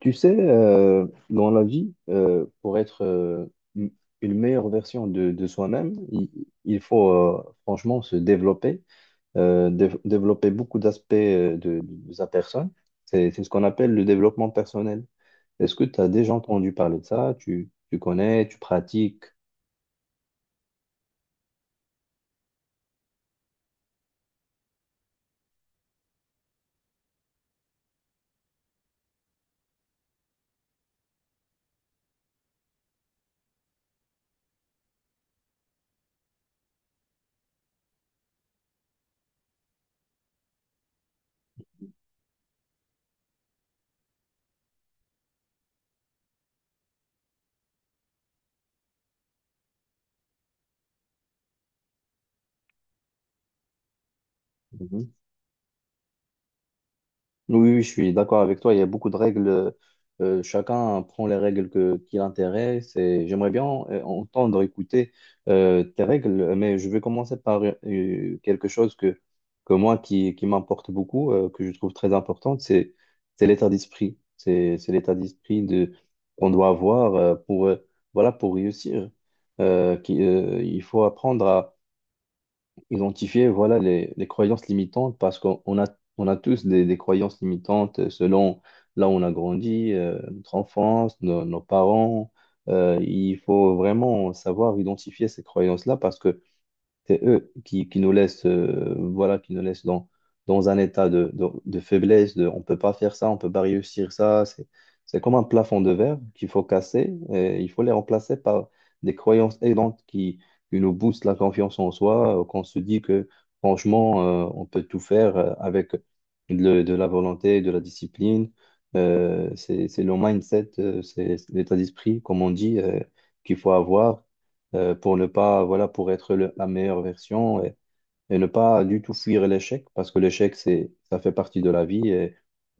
Tu sais, dans la vie, pour être une une meilleure version de soi-même, il faut franchement se développer, développer beaucoup d'aspects de sa personne. C'est ce qu'on appelle le développement personnel. Est-ce que tu as déjà entendu parler de ça? Tu connais, tu pratiques? Oui, oui, je suis d'accord avec toi. Il y a beaucoup de règles. Chacun prend les règles qui l'intéressent. Et j'aimerais bien entendre, écouter tes règles, mais je vais commencer par quelque chose que moi qui m'importe beaucoup, que je trouve très importante, c'est l'état d'esprit. C'est l'état d'esprit qu'on doit avoir pour, voilà, pour réussir. Il faut apprendre identifier voilà, les croyances limitantes parce qu'on on a tous des croyances limitantes selon là où on a grandi, notre enfance, nos, nos parents. Il faut vraiment savoir identifier ces croyances-là parce que c'est eux qui nous laissent, voilà, qui nous laissent dans, dans un état de faiblesse, de on peut pas faire ça, on peut pas réussir ça. C'est comme un plafond de verre qu'il faut casser et il faut les remplacer par des croyances aidantes qui nous boostent la confiance en soi, qu'on se dit que franchement, on peut tout faire avec de la volonté, de la discipline. C'est le mindset, c'est l'état d'esprit, comme on dit, qu'il faut avoir pour ne pas, voilà, pour être la meilleure version et ne pas du tout fuir l'échec, parce que l'échec, c'est, ça fait partie de la vie et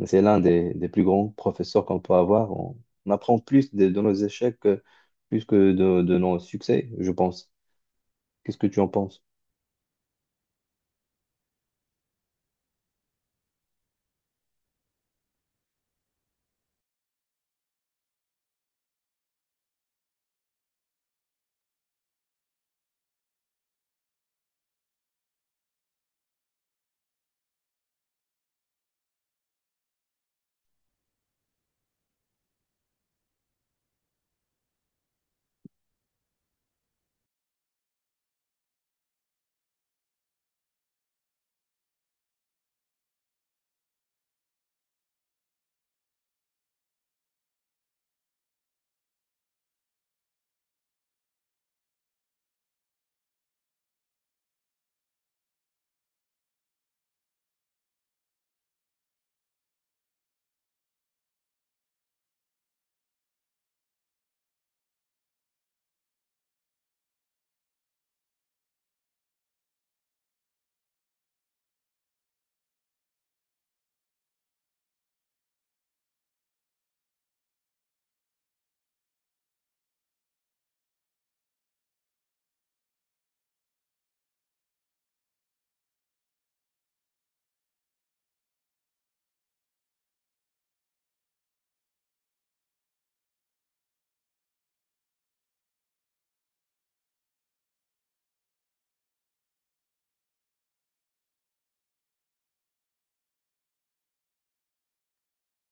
c'est l'un des plus grands professeurs qu'on peut avoir. On apprend plus de nos échecs plus que de nos succès, je pense. Qu'est-ce que tu en penses?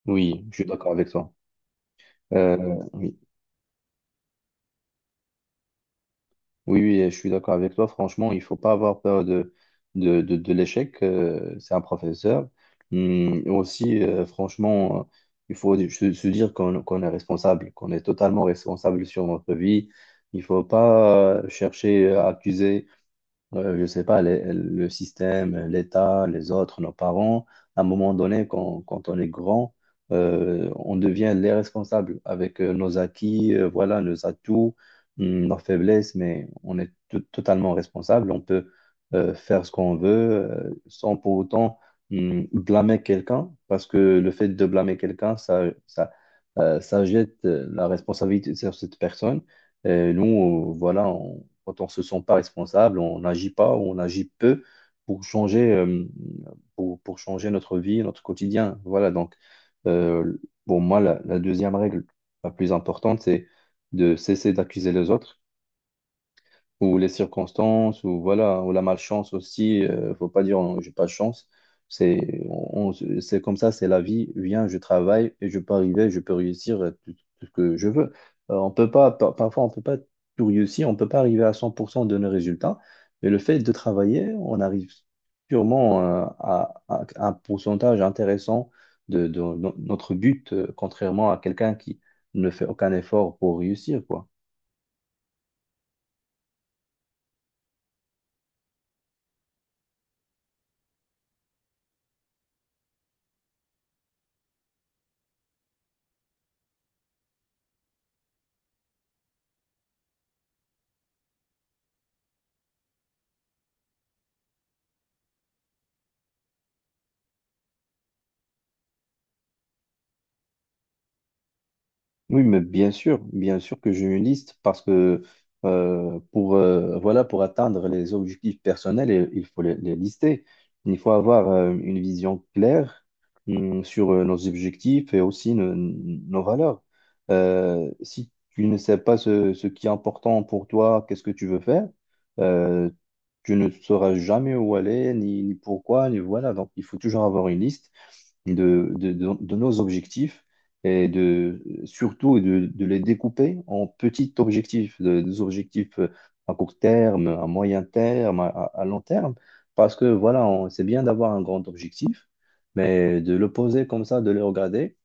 Oui, je suis d'accord avec toi. Euh, oui. Oui, oui, je suis d'accord avec toi. Franchement, il faut pas avoir peur de l'échec. C'est un professeur. Aussi, franchement, il faut se dire qu'on est responsable, qu'on est totalement responsable sur notre vie. Il faut pas chercher à accuser je sais pas, le système, l'État, les autres, nos parents, à un moment donné, quand on est grand, on devient les responsables avec nos acquis, voilà, nos atouts, nos faiblesses, mais on est totalement responsable. On peut faire ce qu'on veut sans pour autant blâmer quelqu'un, parce que le fait de blâmer quelqu'un, ça jette la responsabilité sur cette personne. Et nous, voilà, quand on ne se sent pas responsable, on n'agit pas ou on agit peu pour changer, pour changer notre vie, notre quotidien. Voilà, donc, euh, pour moi, la deuxième règle la plus importante, c'est de cesser d'accuser les autres ou les circonstances, ou voilà, ou la malchance aussi. Faut pas dire non, j'ai pas de chance. C'est c'est comme ça, c'est la vie. Viens, je travaille et je peux arriver, je peux réussir tout, tout ce que je veux. On peut pas, parfois, on peut pas tout réussir, on peut pas arriver à 100% de nos résultats. Mais le fait de travailler, on arrive sûrement à un pourcentage intéressant de no- notre but, contrairement à quelqu'un qui ne fait aucun effort pour réussir, quoi. Oui, mais bien sûr que j'ai une liste parce que voilà, pour atteindre les objectifs personnels, il faut les lister. Il faut avoir une vision claire sur nos objectifs et aussi nos, nos valeurs. Si tu ne sais pas ce qui est important pour toi, qu'est-ce que tu veux faire, euh, tu ne sauras jamais où aller, ni, ni pourquoi, ni voilà. Donc, il faut toujours avoir une liste de nos objectifs et de les découper en petits objectifs, des objectifs à court terme, à moyen terme, à long terme, parce que voilà, c'est bien d'avoir un grand objectif, mais de le poser comme ça, de le regarder.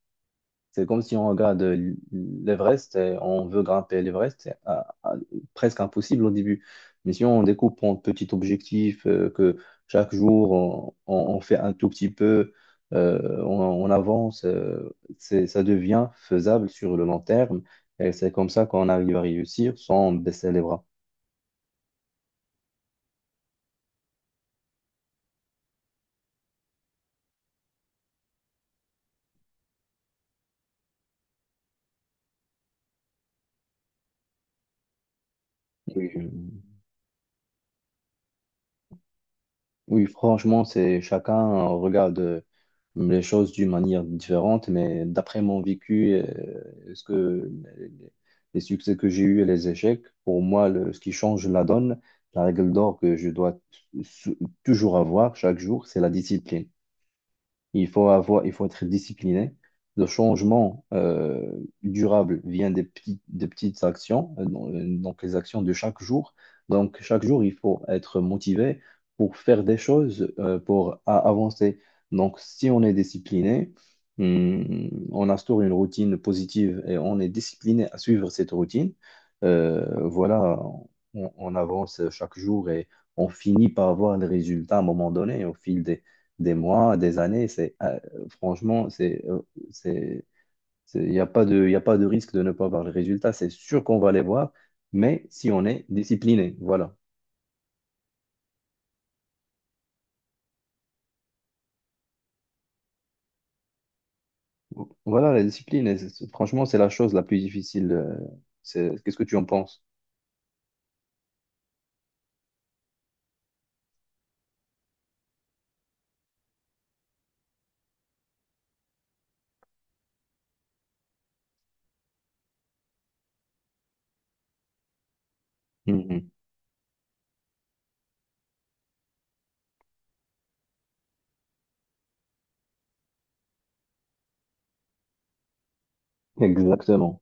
C'est comme si on regarde l'Everest et on veut grimper l'Everest, c'est presque impossible au début. Mais si on découpe en petits objectifs, que chaque jour on fait un tout petit peu, euh, on, on avance, ça devient faisable sur le long terme. Et c'est comme ça qu'on arrive à réussir sans baisser les bras. Oui. Oui, franchement, c'est chacun regarde les choses d'une manière différente, mais d'après mon vécu, ce que les les succès que j'ai eus et les échecs, pour moi, ce qui change la donne, la règle d'or que je dois sou- toujours avoir chaque jour, c'est la discipline. Il faut être discipliné. Le changement durable vient des petites actions, donc les actions de chaque jour. Donc chaque jour, il faut être motivé pour faire des choses, avancer. Donc si on est discipliné, on instaure une routine positive et on est discipliné à suivre cette routine, voilà, on avance chaque jour et on finit par avoir des résultats à un moment donné au fil des mois, des années. C'est, franchement, c'est, il n'y a pas de, y a pas de risque de ne pas voir les résultats. C'est sûr qu'on va les voir, mais si on est discipliné, voilà. Voilà, la discipline, et franchement, c'est la chose la plus difficile. Qu'est-ce que tu en penses? Mhm. Exactement.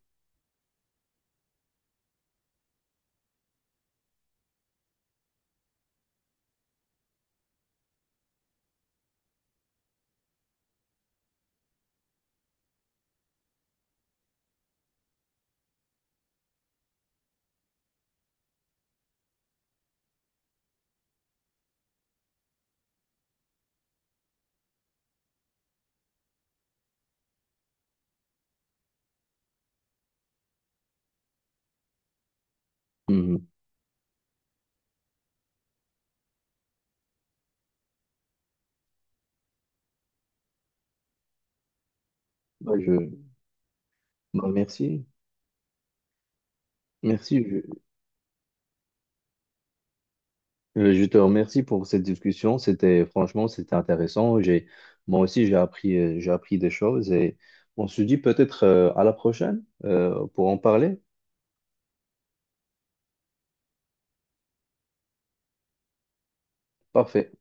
Mhm. Bah, je... Bah, merci. Merci. Je te remercie pour cette discussion. C'était Franchement, c'était intéressant. Moi aussi, j'ai appris des choses et on se dit peut-être à la prochaine pour en parler. Parfait.